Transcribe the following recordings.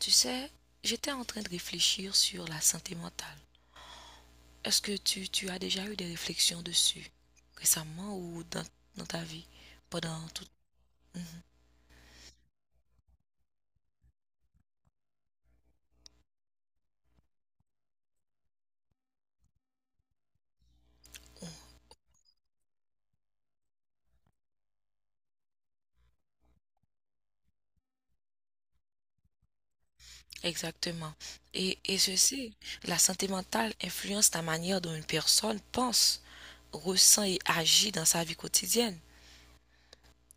Tu sais, j'étais en train de réfléchir sur la santé mentale. Est-ce que tu as déjà eu des réflexions dessus récemment ou dans ta vie pendant tout. Exactement. Et ceci, la santé mentale influence la manière dont une personne pense, ressent et agit dans sa vie quotidienne.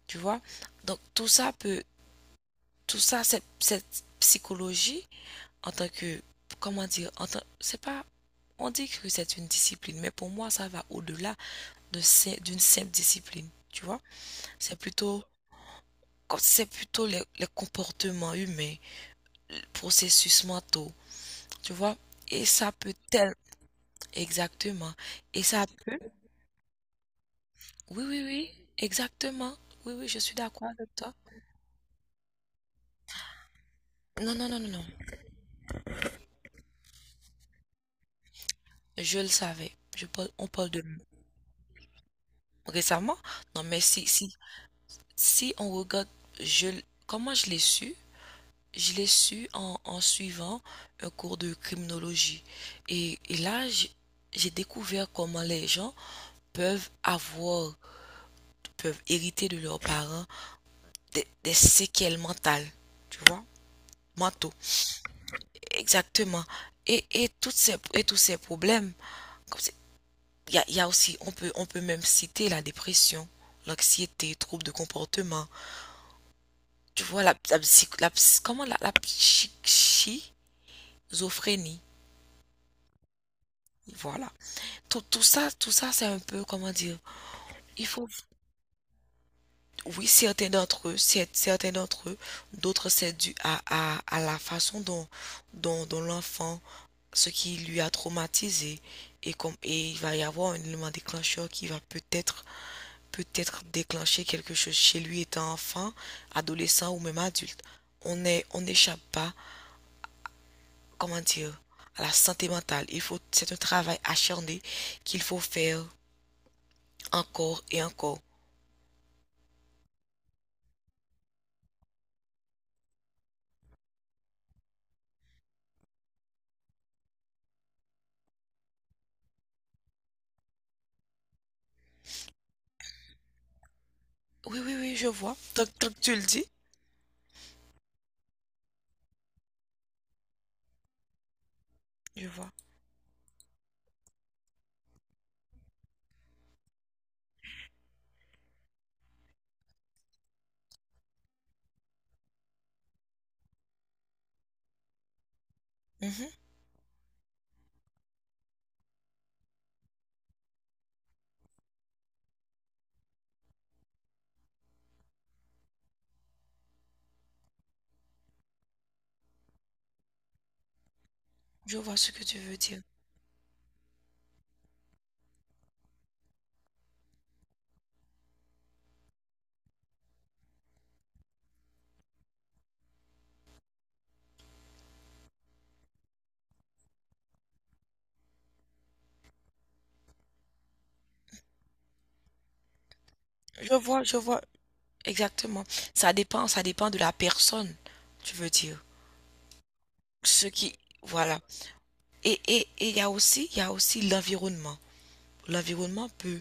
Tu vois? Donc tout ça peut, tout ça, cette psychologie en tant que, comment dire, en tant- c'est pas, on dit que c'est une discipline, mais pour moi ça va au-delà d'une simple discipline, tu vois. C'est plutôt, quand c'est plutôt les comportements humains, les processus mentaux, tu vois. Et ça peut tel, exactement. Et ça, oui, oui, oui, exactement. Oui, oui, je suis d'accord avec toi. Non, non, non, non, non. Je le savais. Je parle, on parle de récemment. Non, mais si, si on regarde, comment je l'ai su? Je l'ai su en, suivant un cours de criminologie. Et là, j'ai découvert comment les gens peuvent avoir, peuvent hériter de leurs parents des séquelles mentales, tu vois, mentaux. Exactement. Et tous ces problèmes, comme c'est- il y a aussi, on peut même citer la dépression, l'anxiété, troubles de comportement. Tu vois, la, la psy- comment la, la psy- schizophrénie. Voilà. Tout ça, c'est un peu, comment dire, il faut, oui, certains d'entre eux, certains d'entre eux, d'autres, c'est dû à la façon dont l'enfant, ce qui lui a traumatisé, et comme, et il va y avoir un élément déclencheur qui va peut-être, peut-être déclencher quelque chose chez lui étant enfant, adolescent ou même adulte. On n'échappe pas, comment dire, à la santé mentale. Il faut, c'est un travail acharné qu'il faut faire encore et encore. Oui, oui, oui, je vois. Tant que tu le dis, je vois. Mhm. Je vois ce que tu veux dire. Je vois exactement. Ça dépend de la personne, tu veux dire. Ce qui, voilà. Et il y a aussi, il y a aussi l'environnement. L'environnement peut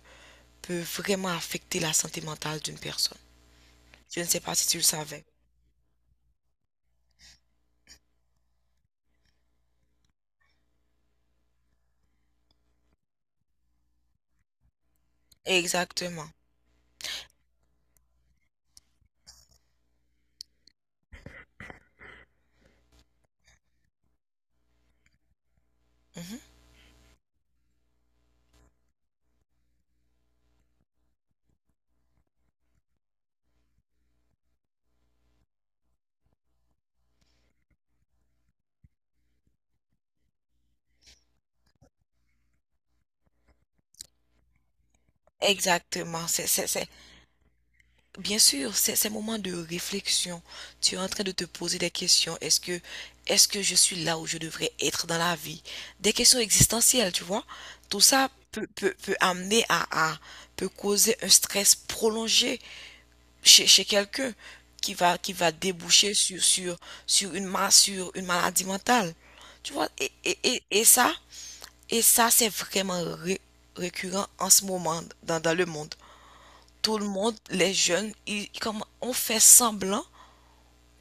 peut vraiment affecter la santé mentale d'une personne. Je ne sais pas si tu le savais. Exactement. Mhm. Exactement. C'est Bien sûr, c'est ces moments de réflexion, tu es en train de te poser des questions. Est-ce que je suis là où je devrais être dans la vie? Des questions existentielles, tu vois. Tout ça peut amener peut causer un stress prolongé chez quelqu'un qui va déboucher sur une, sur une maladie mentale. Tu vois, et ça, c'est vraiment récurrent en ce moment dans le monde. Tout le monde, les jeunes, ils, comme, on fait semblant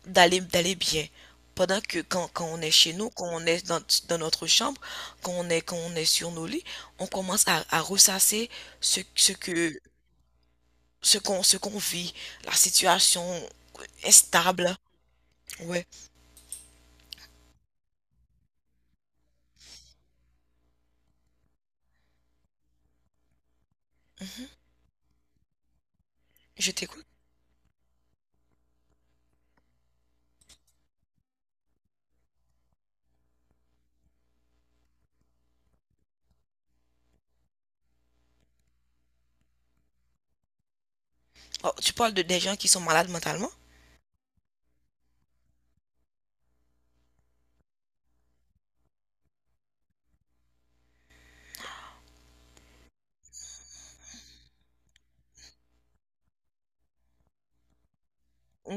d'aller bien. Pendant que quand on est chez nous, quand on est dans, dans notre chambre, quand on est sur nos lits, on commence à ressasser ce, ce que ce qu'on vit, la situation instable. Ouais. Mhm. Je t'écoute. Oh, tu parles de des gens qui sont malades mentalement?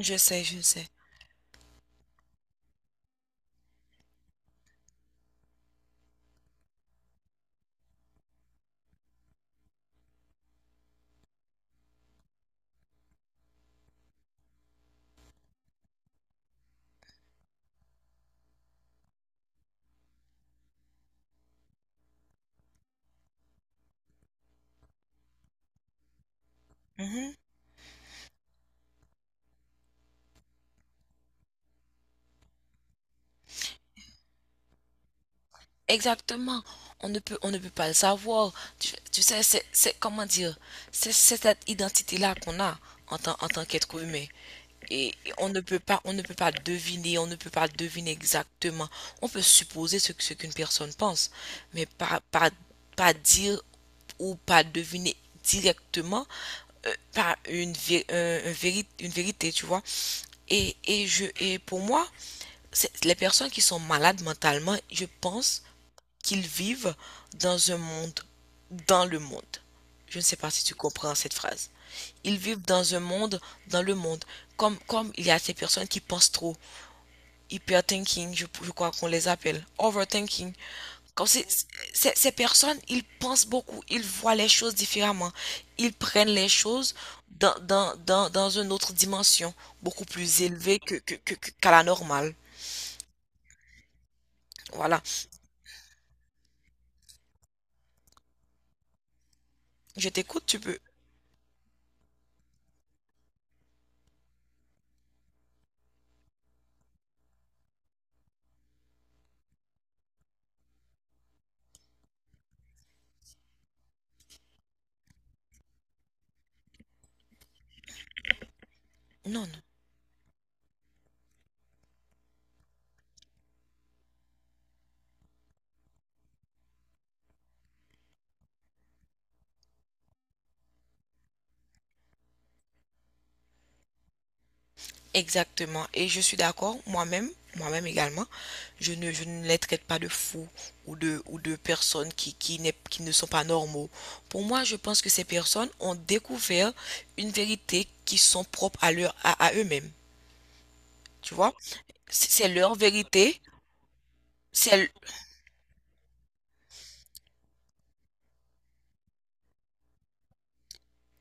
Je sais, je sais. Mhm. Exactement. On ne peut pas le savoir. Tu sais, comment dire, c'est cette identité-là qu'on a en tant qu'être humain. Et on ne peut pas deviner, on ne peut pas deviner exactement. On peut supposer ce qu'une personne pense, mais pas dire ou pas deviner directement, pas une, une vérité, tu vois. Et pour moi, les personnes qui sont malades mentalement, je pense qu'ils vivent dans un monde, dans le monde. Je ne sais pas si tu comprends cette phrase. Ils vivent dans un monde, dans le monde. Comme, comme il y a ces personnes qui pensent trop, hyperthinking, je crois qu'on les appelle, overthinking. Comme c'est- ces personnes, ils pensent beaucoup, ils voient les choses différemment. Ils prennent les choses dans une autre dimension, beaucoup plus élevée qu'à la normale. Voilà. Je t'écoute, tu peux. Non, non. Exactement. Et je suis d'accord, moi-même, moi-même également, je ne les traite pas de fous ou de personnes qui ne sont pas normaux. Pour moi, je pense que ces personnes ont découvert une vérité qui sont propres à leur, à eux-mêmes. Tu vois? C'est leur vérité, c'est,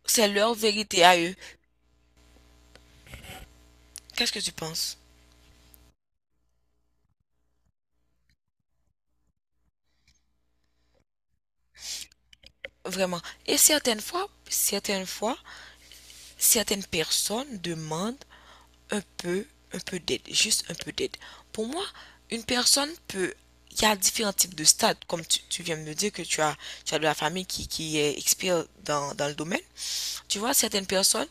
c'est leur vérité à eux. Qu'est-ce que tu penses? Vraiment. Et certaines fois, certaines fois, certaines personnes demandent un peu, un peu d'aide, juste un peu d'aide. Pour moi, une personne peut... Il y a différents types de stades, comme tu viens de me dire que tu as de la famille qui est expert dans le domaine. Tu vois, certaines personnes,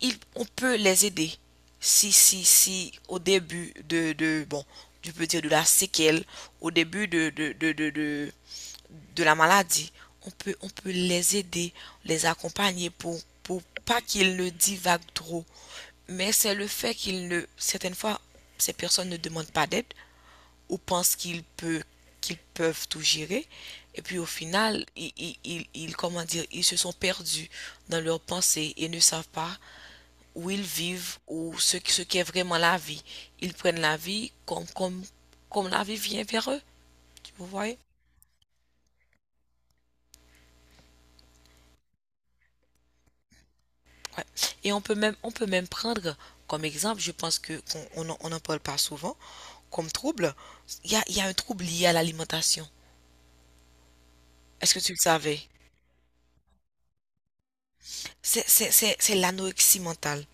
on peut les aider. Si, au début je peux dire de la séquelle, au début de la maladie, on peut les aider, les accompagner pour pas qu'ils ne divaguent trop, mais c'est le fait qu'ils ne, certaines fois, ces personnes ne demandent pas d'aide ou pensent qu'ils peuvent tout gérer. Et puis au final, comment dire, ils se sont perdus dans leurs pensées et ne savent pas où ils vivent ou ce qu'est vraiment la vie. Ils prennent la vie comme la vie vient vers eux, tu vous voyez? Ouais. Et on peut même prendre comme exemple, je pense que qu'on on, n'en parle pas souvent, comme trouble, il y a un trouble lié à l'alimentation. Est-ce que tu le savais? C'est l'anorexie mentale.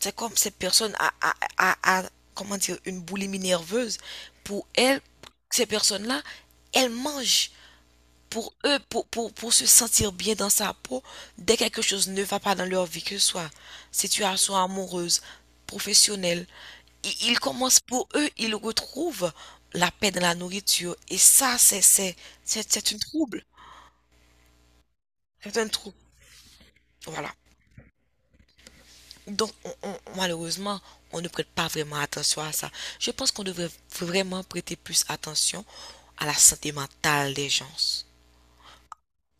C'est comme cette personne comment dire, une boulimie nerveuse. Pour elle, ces personnes-là, elles mangent pour eux, pour se sentir bien dans sa peau. Dès que quelque chose ne va pas dans leur vie, que ce soit situation amoureuse, professionnelle, ils commencent pour eux, ils retrouvent la paix dans la nourriture. Et ça, c'est un trouble. C'est un trouble. Voilà. Donc, malheureusement, on ne prête pas vraiment attention à ça. Je pense qu'on devrait vraiment prêter plus attention à la santé mentale des gens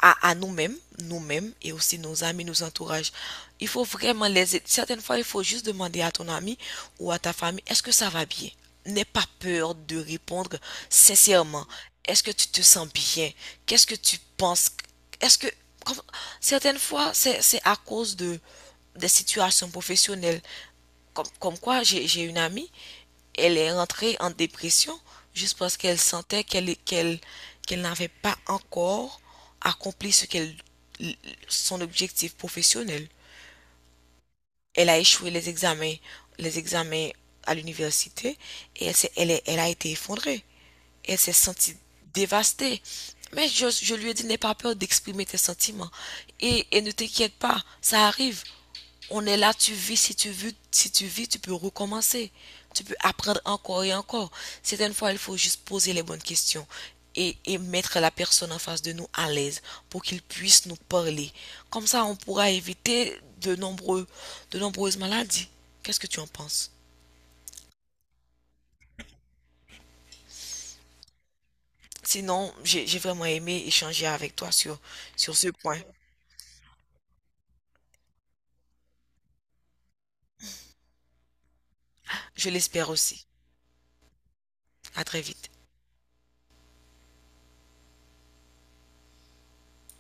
à nous-mêmes, nous-mêmes et aussi nos amis, nos entourages. Il faut vraiment les aider. Certaines fois, il faut juste demander à ton ami ou à ta famille, est-ce que ça va bien? N'aie pas peur de répondre sincèrement. Est-ce que tu te sens bien? Qu'est-ce que tu penses? Est-ce que comme- certaines fois, c'est à cause de des situations professionnelles comme, comme quoi j'ai une amie, elle est rentrée en dépression juste parce qu'elle sentait qu'elle n'avait pas encore accompli ce qu'elle son objectif professionnel. Elle a échoué les examens, les examens à l'université, et elle a été effondrée. Elle s'est sentie dévastée. Mais je lui ai dit, n'aie pas peur d'exprimer tes sentiments. Et ne t'inquiète pas, ça arrive. On est là, tu vis, si tu vis, tu peux recommencer. Tu peux apprendre encore et encore. Certaines fois, il faut juste poser les bonnes questions et mettre la personne en face de nous à l'aise pour qu'il puisse nous parler. Comme ça, on pourra éviter de nombreuses maladies. Qu'est-ce que tu en penses? Sinon, j'ai vraiment aimé échanger avec toi sur, sur ce point. Je l'espère aussi. À très vite.